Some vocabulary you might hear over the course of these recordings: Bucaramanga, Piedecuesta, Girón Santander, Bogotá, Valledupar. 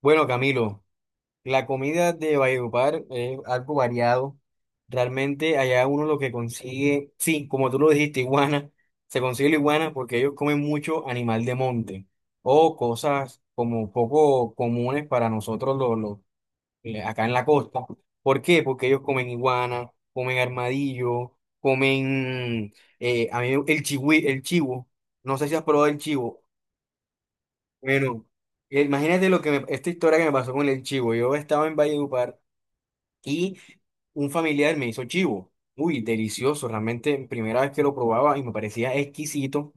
Bueno, Camilo, la comida de Valledupar es algo variado. Realmente allá uno lo que consigue, sí, como tú lo dijiste, iguana, se consigue la iguana porque ellos comen mucho animal de monte o cosas como poco comunes para nosotros acá en la costa. ¿Por qué? Porque ellos comen iguana, comen armadillo, comen a mí el el chivo. No sé si has probado el chivo. Bueno, imagínate esta historia que me pasó con el chivo. Yo estaba en Valledupar y un familiar me hizo chivo. Uy, delicioso, realmente primera vez que lo probaba y me parecía exquisito.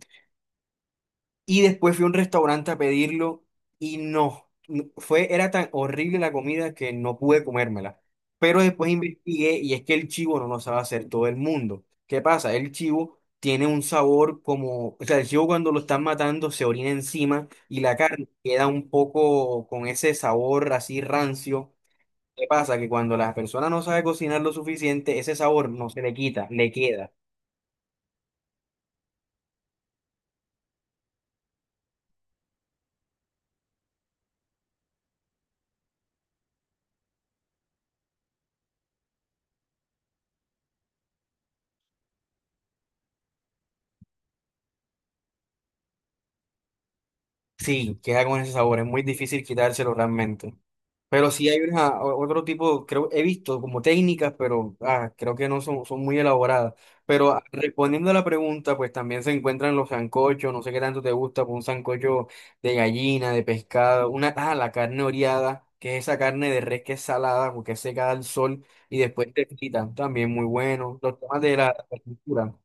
Y después fui a un restaurante a pedirlo y fue, era tan horrible la comida que no pude comérmela. Pero después investigué y es que el chivo no lo sabe hacer todo el mundo. ¿Qué pasa? El chivo tiene un sabor o sea, el chivo cuando lo están matando se orina encima y la carne queda un poco con ese sabor así rancio. ¿Qué pasa? Que cuando la persona no sabe cocinar lo suficiente, ese sabor no se le quita, le queda. Sí, queda con ese sabor, es muy difícil quitárselo realmente. Pero sí hay otro tipo, creo, he visto como técnicas, pero creo que no son, son muy elaboradas. Pero respondiendo a la pregunta, pues también se encuentran los sancochos, no sé qué tanto te gusta, pues un sancocho de gallina, de pescado, la carne oreada, que es esa carne de res que es salada, porque es secada al sol y después te fritan, también muy bueno. Los temas de la cultura.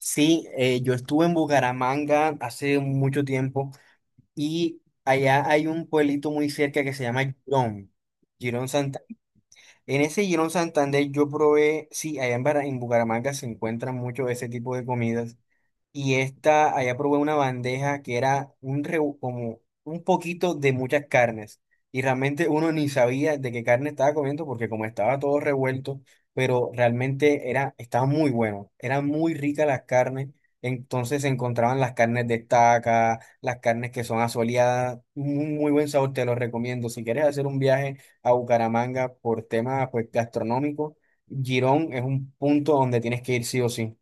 Sí, yo estuve en Bucaramanga hace mucho tiempo. Y allá hay un pueblito muy cerca que se llama Girón, Girón Santander. En ese Girón Santander yo probé, sí, en Bucaramanga se encuentran mucho ese tipo de comidas y esta, allá probé una bandeja que era como un poquito de muchas carnes. Y realmente uno ni sabía de qué carne estaba comiendo porque como estaba todo revuelto, pero realmente era, estaba muy bueno. Eran muy ricas las carnes. Entonces se encontraban las carnes de estaca, las carnes que son asoleadas. Un muy buen sabor, te lo recomiendo. Si quieres hacer un viaje a Bucaramanga por temas pues, gastronómicos, Girón es un punto donde tienes que ir sí o sí.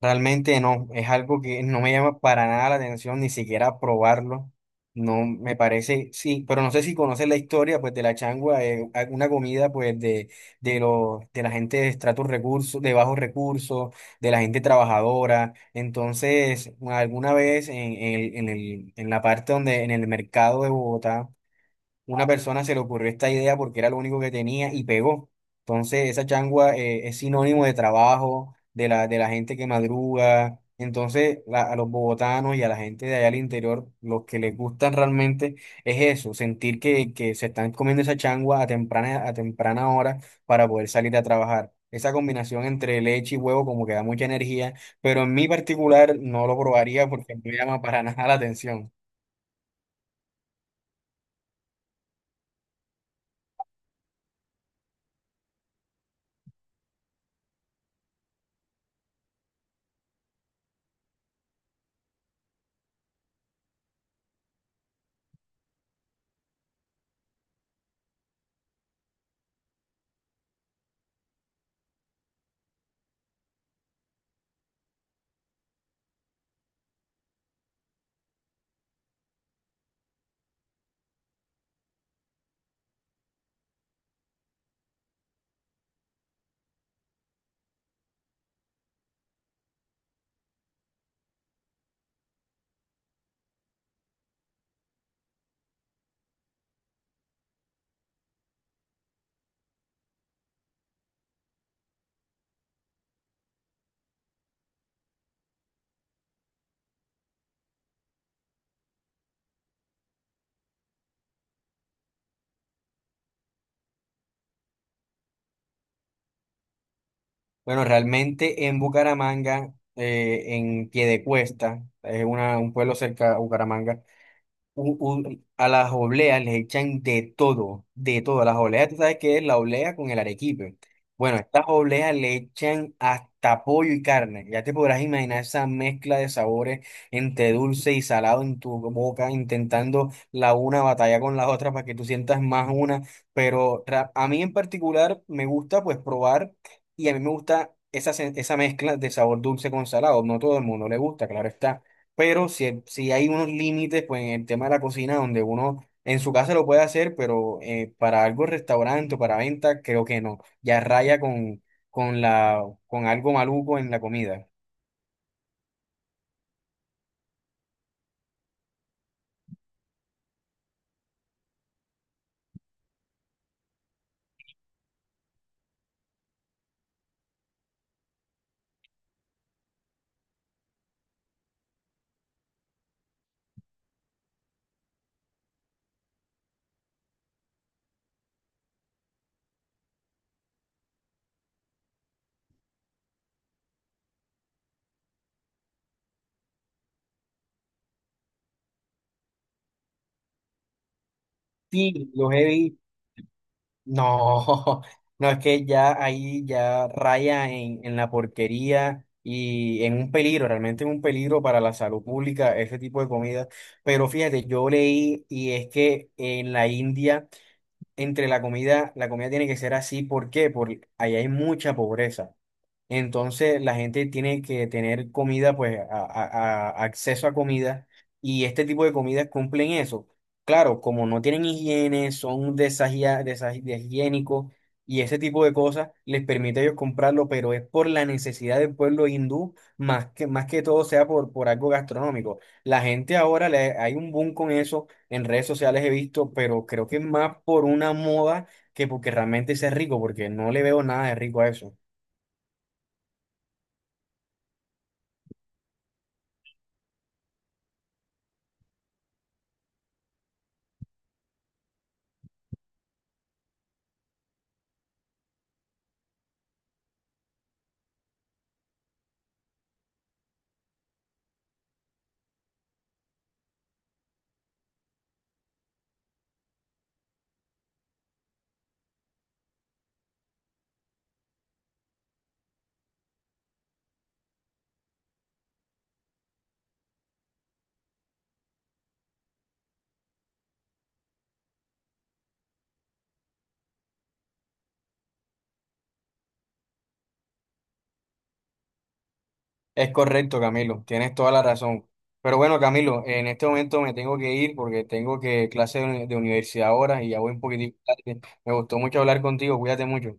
Realmente no, es algo que no me llama para nada la atención, ni siquiera probarlo. No me parece, sí, pero no sé si conoces la historia pues de la changua, una comida pues de los de la gente de estratos recursos, de bajos recursos, de la gente trabajadora. Entonces, alguna vez en la parte donde, en el mercado de Bogotá, una persona se le ocurrió esta idea porque era lo único que tenía y pegó. Entonces, esa changua es sinónimo de trabajo, de de la gente que madruga. Entonces, a los bogotanos y a la gente de allá al interior, los que les gusta realmente es eso, sentir que se están comiendo esa changua a a temprana hora para poder salir a trabajar. Esa combinación entre leche y huevo como que da mucha energía, pero en mi particular no lo probaría porque no me llama para nada la atención. Bueno, realmente en Bucaramanga, en Piedecuesta, es un pueblo cerca a Bucaramanga, a las obleas les echan de todo, de todo. Las obleas, tú sabes qué es la oblea con el arequipe. Bueno, estas obleas le echan hasta pollo y carne. Ya te podrás imaginar esa mezcla de sabores entre dulce y salado en tu boca, intentando la una batalla con la otra para que tú sientas más una. Pero a mí en particular me gusta pues probar y a mí me gusta esa mezcla de sabor dulce con salado. No todo el mundo le gusta, claro está, pero si, si hay unos límites, pues en el tema de la cocina, donde uno en su casa lo puede hacer, pero para algo restaurante o para venta, creo que no. Ya raya con con algo maluco en la comida. Sí, no, no es que ya ahí ya raya en la porquería y en un peligro, realmente en un peligro para la salud pública, ese tipo de comida. Pero fíjate, yo leí y es que en la India entre la comida tiene que ser así. ¿Por qué? Porque ahí hay mucha pobreza. Entonces la gente tiene que tener comida, pues acceso a comida y este tipo de comidas cumplen eso. Claro, como no tienen higiene, son deshigiénicos y ese tipo de cosas les permite a ellos comprarlo, pero es por la necesidad del pueblo hindú, más que todo sea por algo gastronómico. La gente ahora le, hay un boom con eso, en redes sociales he visto, pero creo que es más por una moda que porque realmente sea rico, porque no le veo nada de rico a eso. Es correcto, Camilo, tienes toda la razón. Pero bueno, Camilo, en este momento me tengo que ir porque tengo que clase de de universidad ahora y ya voy un poquitito tarde. Me gustó mucho hablar contigo, cuídate mucho.